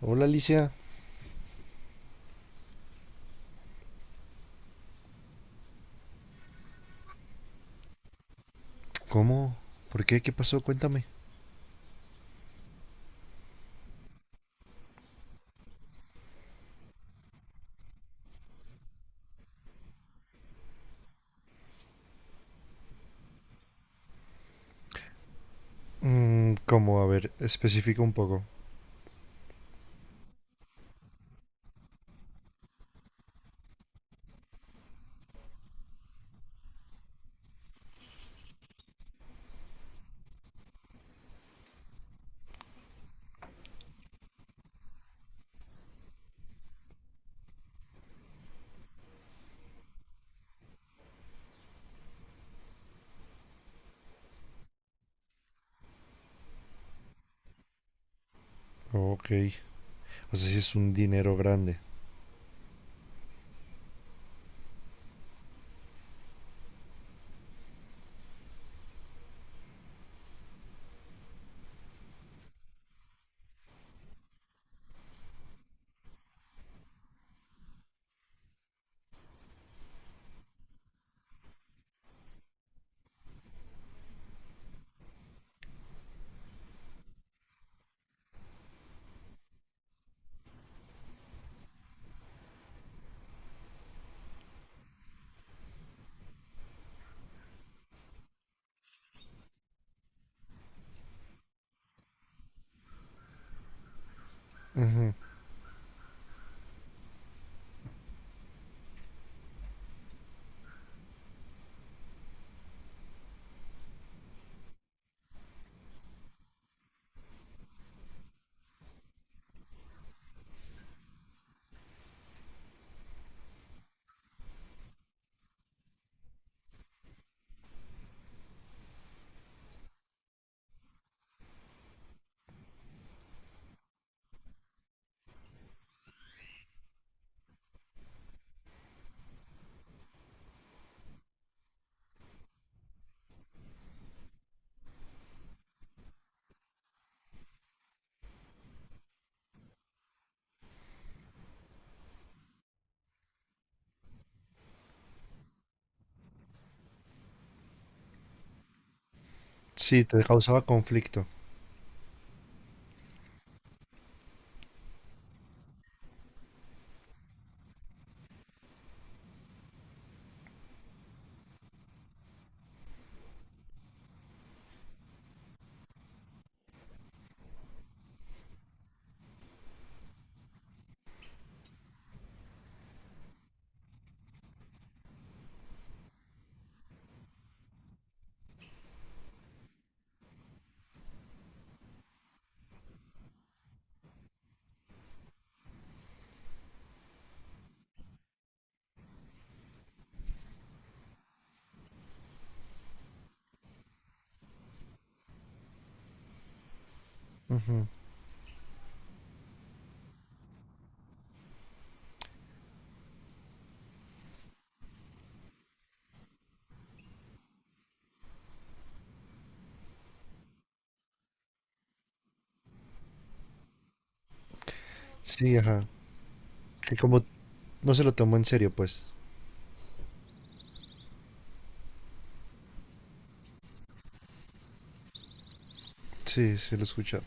Hola Alicia. ¿Cómo? ¿Por qué? ¿Qué pasó? Cuéntame. Mm, ¿cómo? A ver, especifica un poco. Ok. O sea, si es un dinero grande. Sí, te causaba conflicto. Sí, ajá. Que como no se lo tomó en serio, pues. Sí, se lo escucha.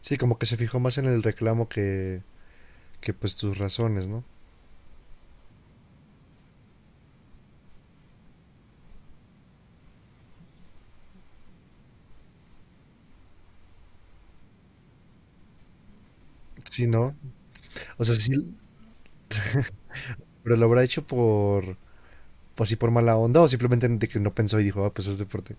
Sí, como que se fijó más en el reclamo que pues tus razones, ¿no? Sí, ¿no? O sea, sí, pero lo habrá hecho por, pues, así por mala onda o simplemente de que no pensó y dijo, ah, pues es deporte.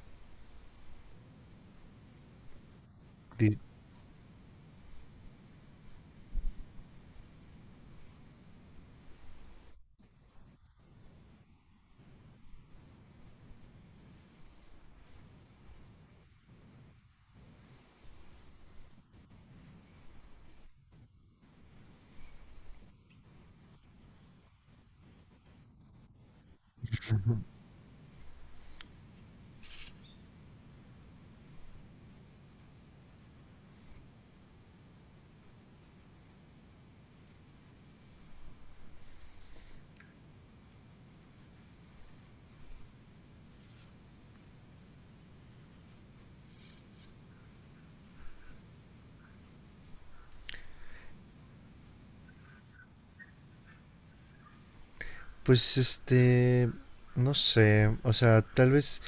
Pues no sé, o sea, tal vez,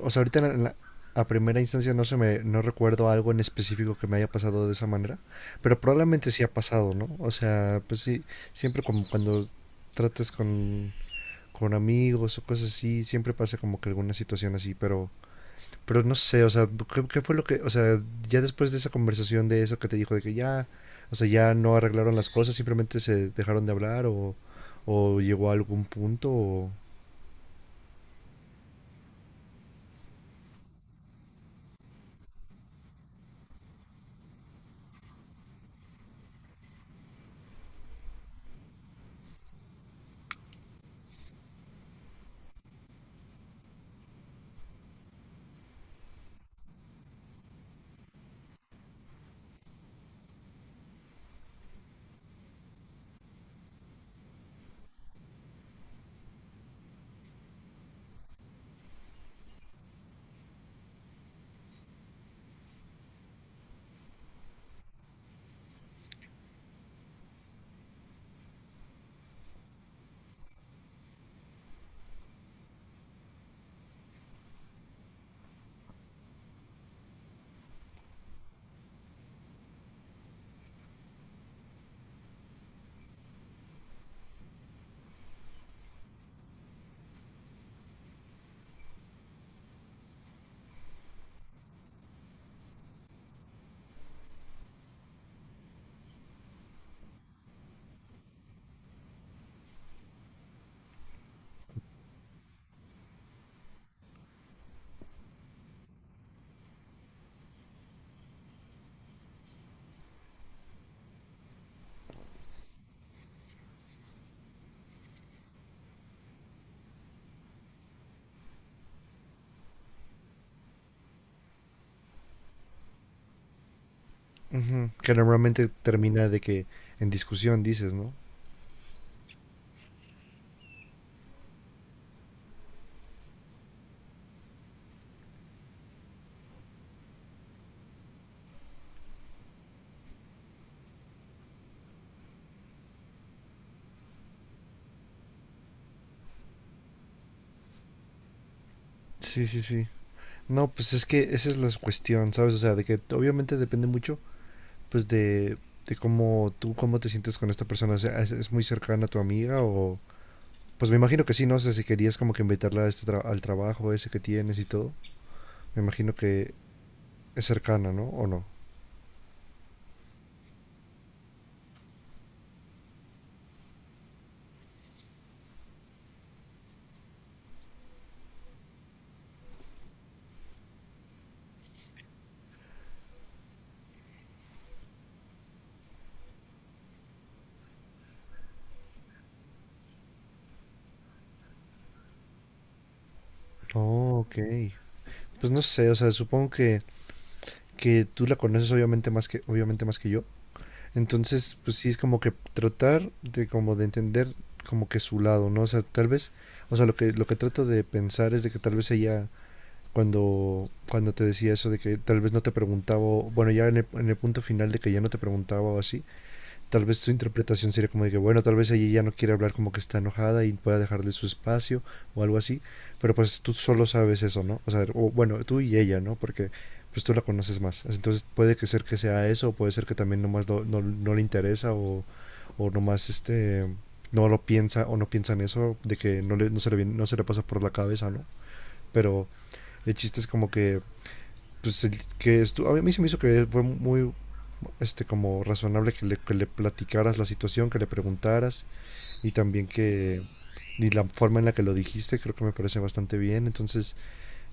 o sea, ahorita a primera instancia no se me, no recuerdo algo en específico que me haya pasado de esa manera, pero probablemente sí ha pasado, ¿no? O sea, pues sí, siempre como cuando tratas con amigos o cosas así, siempre pasa como que alguna situación así, pero no sé, o sea, ¿qué, qué fue lo que, o sea, ya después de esa conversación de eso que te dijo, de que ya, o sea, ya no arreglaron las cosas, simplemente se dejaron de hablar o llegó a algún punto, o... Ujú, que normalmente termina de que en discusión dices, ¿no? Sí, sí, sí. No, pues es que esa es la cuestión, ¿sabes? O sea, de que obviamente depende mucho, pues de cómo tú, cómo te sientes con esta persona, o sea, es muy cercana a tu amiga o...? Pues me imagino que sí, no sé si querías como que invitarla a este al trabajo ese que tienes y todo. Me imagino que es cercana, ¿no? ¿O no? Oh, ok. Pues no sé, o sea, supongo que tú la conoces obviamente más que yo. Entonces, pues sí, es como que tratar de como de entender como que su lado, ¿no? O sea, tal vez, o sea, lo que trato de pensar es de que tal vez ella, cuando, cuando te decía eso de que tal vez no te preguntaba, o- bueno, ya en el punto final de que ya no te preguntaba o así, tal vez su interpretación sería como de que, bueno, tal vez ella ya no quiere hablar como que está enojada y pueda dejarle su espacio o algo así, pero pues tú solo sabes eso, ¿no? O sea, o, bueno, tú y ella, ¿no? Porque pues tú la conoces más. Entonces puede que ser que sea eso, o puede ser que también nomás no, no le interesa o nomás este, no lo piensa o no piensa en eso de que no, le, no, se le, no se le pasa por la cabeza, ¿no? Pero el chiste es como que pues a mí se me hizo que fue muy como razonable que le platicaras la situación, que le preguntaras y también que y la forma en la que lo dijiste creo que me parece bastante bien. Entonces,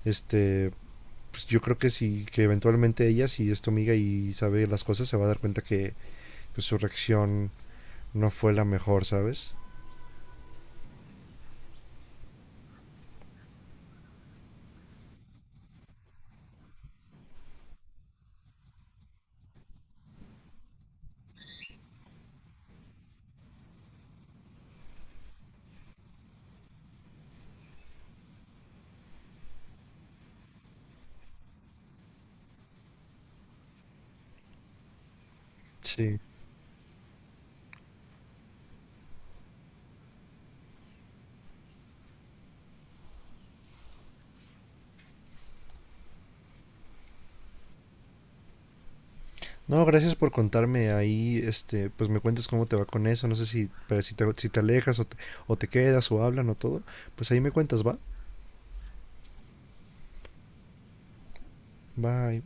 este pues yo creo que sí, que eventualmente ella, si es tu amiga y sabe las cosas, se va a dar cuenta que pues, su reacción no fue la mejor, ¿sabes? Sí. No, gracias por contarme ahí, pues me cuentas cómo te va con eso, no sé si, pero si, te, si te alejas o te quedas o hablan o todo, pues ahí me cuentas, ¿va? Bye.